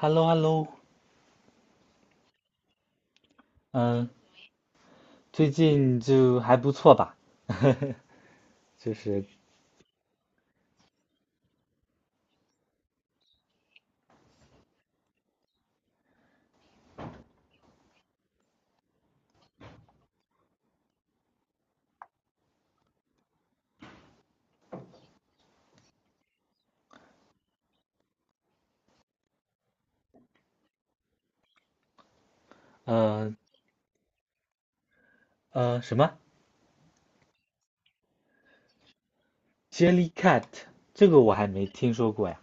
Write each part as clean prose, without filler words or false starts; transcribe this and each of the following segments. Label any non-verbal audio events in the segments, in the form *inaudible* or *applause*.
h e l l o h e l l o。 嗯，最近就还不错吧。*laughs* 就是，呃什么 Jellycat,这个我还没听说过呀。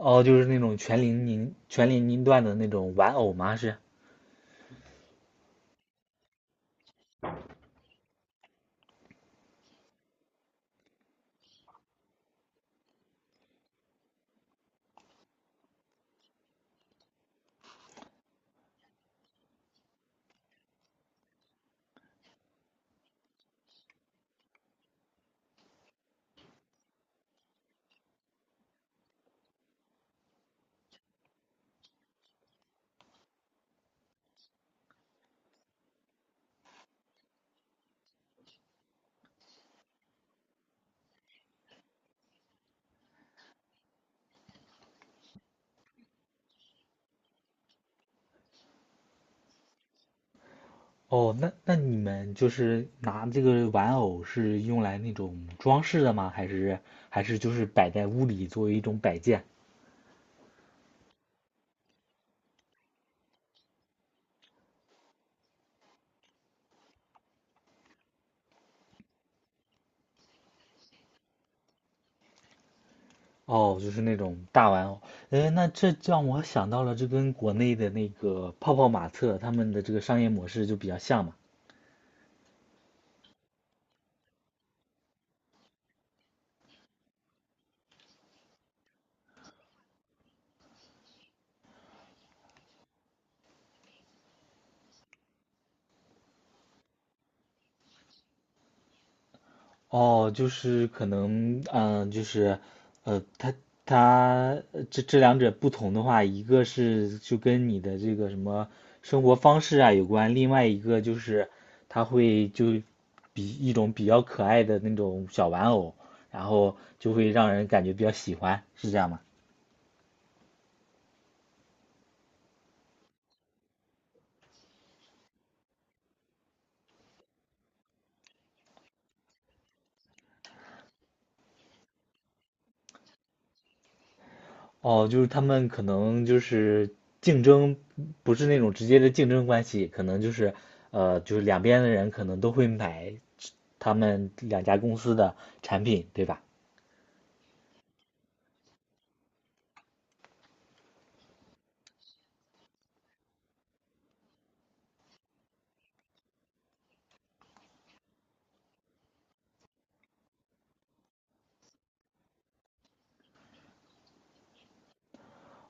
哦，就是那种全年龄段的那种玩偶吗？是？哦，那你们就是拿这个玩偶是用来那种装饰的吗？还是就是摆在屋里作为一种摆件？哦，就是那种大玩偶。哎，那这让我想到了，这跟国内的那个泡泡玛特他们的这个商业模式就比较像嘛。哦，就是可能，它这两者不同的话，一个是就跟你的这个什么生活方式啊有关，另外一个就是它会就比一种比较可爱的那种小玩偶，然后就会让人感觉比较喜欢，是这样吗？哦，就是他们可能就是竞争，不是那种直接的竞争关系，可能就是就是两边的人可能都会买他们两家公司的产品，对吧？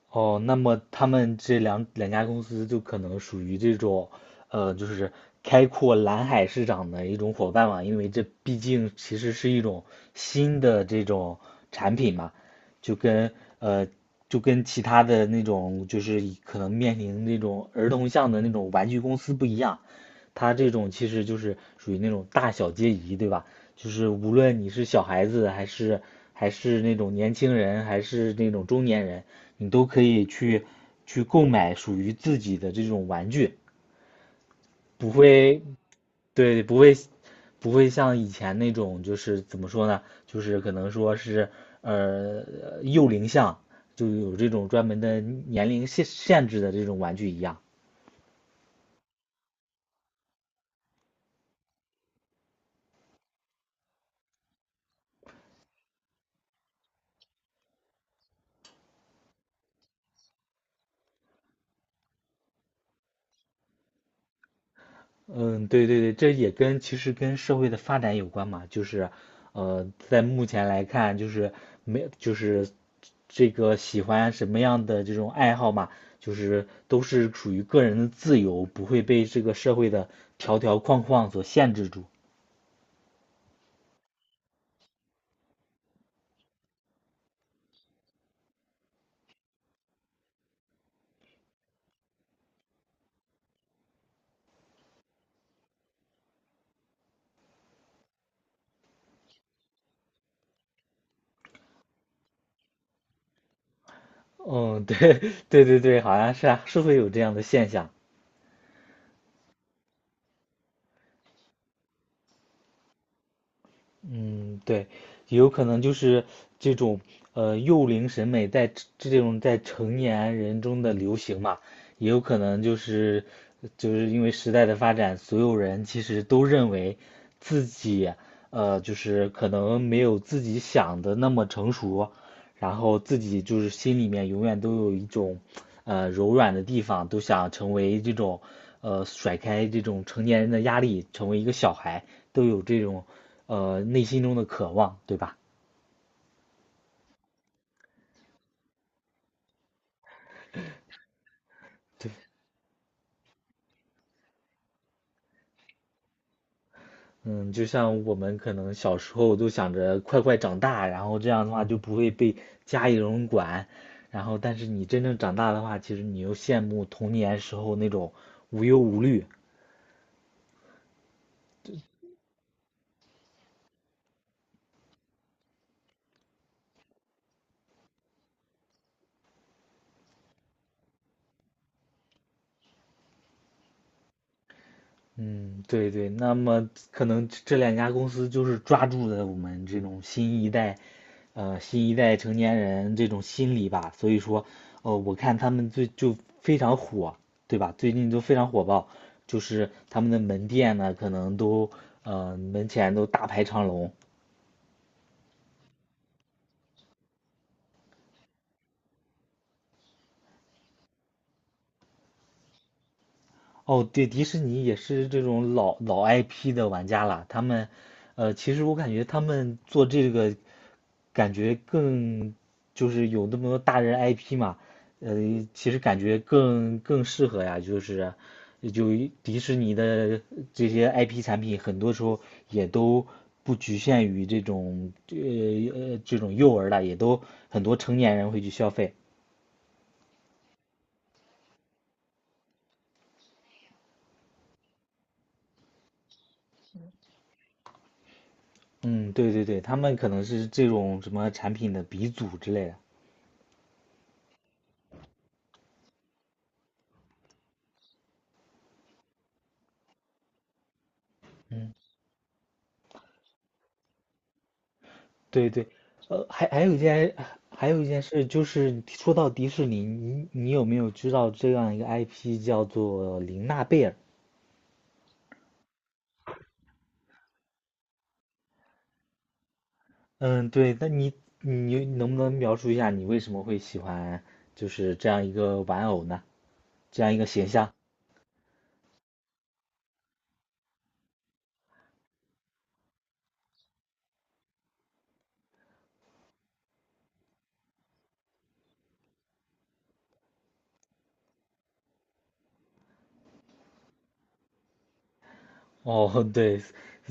哦，那么他们这两家公司就可能属于这种，就是开阔蓝海市场的一种伙伴嘛，因为这毕竟其实是一种新的这种产品嘛，就跟呃就跟其他的那种就是可能面临那种儿童向的那种玩具公司不一样，他这种其实就是属于那种大小皆宜，对吧？就是无论你是小孩子，还是那种年轻人，还是那种中年人，你都可以去去购买属于自己的这种玩具，不会，对，不会像以前那种就是怎么说呢？就是可能说是幼龄向，就有这种专门的年龄限制的这种玩具一样。嗯，对对对，这也跟其实跟社会的发展有关嘛，就是，呃，在目前来看，就是没就是这个喜欢什么样的这种爱好嘛，就是都是属于个人的自由，不会被这个社会的条条框框所限制住。嗯，对 *laughs* 对对对，好像是啊，是会有这样的现象。嗯，对，也有可能就是这种幼龄审美在这种在成年人中的流行嘛，也有可能就是就是因为时代的发展，所有人其实都认为自己就是可能没有自己想的那么成熟，然后自己就是心里面永远都有一种，柔软的地方，都想成为这种，甩开这种成年人的压力，成为一个小孩，都有这种，内心中的渴望，对吧？嗯，就像我们可能小时候都想着快快长大，然后这样的话就不会被家里人管，然后但是你真正长大的话，其实你又羡慕童年时候那种无忧无虑。嗯，对对，那么可能这两家公司就是抓住了我们这种新一代，新一代成年人这种心理吧，所以说，呃，我看他们最就非常火，对吧？最近都非常火爆，就是他们的门店呢，可能都，呃，门前都大排长龙。哦，对，迪士尼也是这种老 IP 的玩家了。他们，呃，其实我感觉他们做这个，感觉更就是有那么多大人 IP 嘛，呃，其实感觉更适合呀。就是就迪士尼的这些 IP 产品，很多时候也都不局限于这种呃这种幼儿了，也都很多成年人会去消费。嗯，对对对，他们可能是这种什么产品的鼻祖之类的。对对，呃，还有一件，还有一件事就是，说到迪士尼，你有没有知道这样一个 IP 叫做玲娜贝尔？嗯，对，那你能不能描述一下你为什么会喜欢就是这样一个玩偶呢？这样一个形象？哦，*laughs* 对，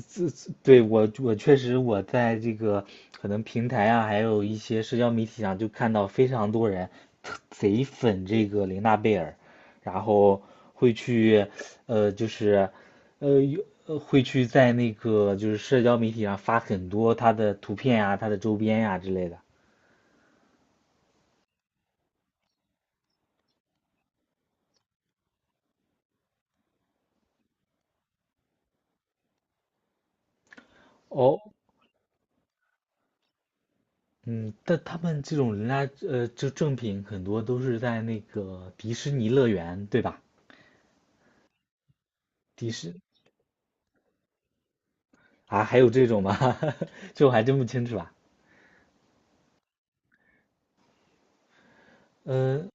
这对我确实我在这个可能平台啊，还有一些社交媒体上就看到非常多人特贼粉这个玲娜贝尔，然后会去呃就是呃有呃会去在那个就是社交媒体上发很多她的图片啊、她的周边呀、之类的。哦，嗯，但他们这种人家就正品很多都是在那个迪士尼乐园，对吧？迪士啊，还有这种吗？*laughs* 这我还真不清楚啊。嗯，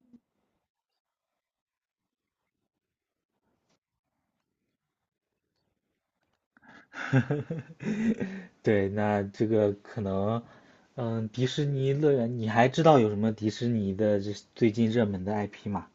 *laughs* 对，那这个可能，嗯，迪士尼乐园，你还知道有什么迪士尼的这最近热门的 IP 吗？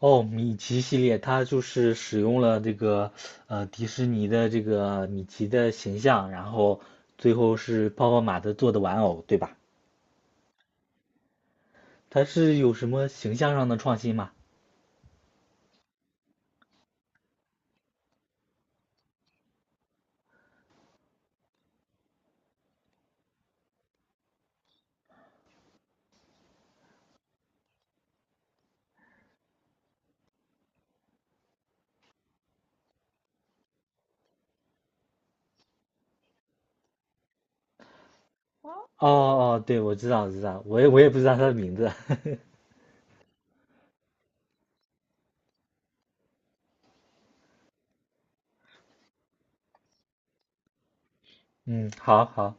哦，米奇系列，它就是使用了这个迪士尼的这个米奇的形象，然后最后是泡泡玛特做的玩偶，对吧？它是有什么形象上的创新吗？哦哦，对，我知道，我知道，我也不知道它的名字。*laughs* 嗯，好好。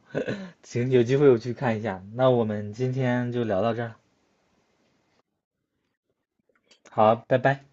行，有机会我去看一下。那我们今天就聊到这儿。好，拜拜。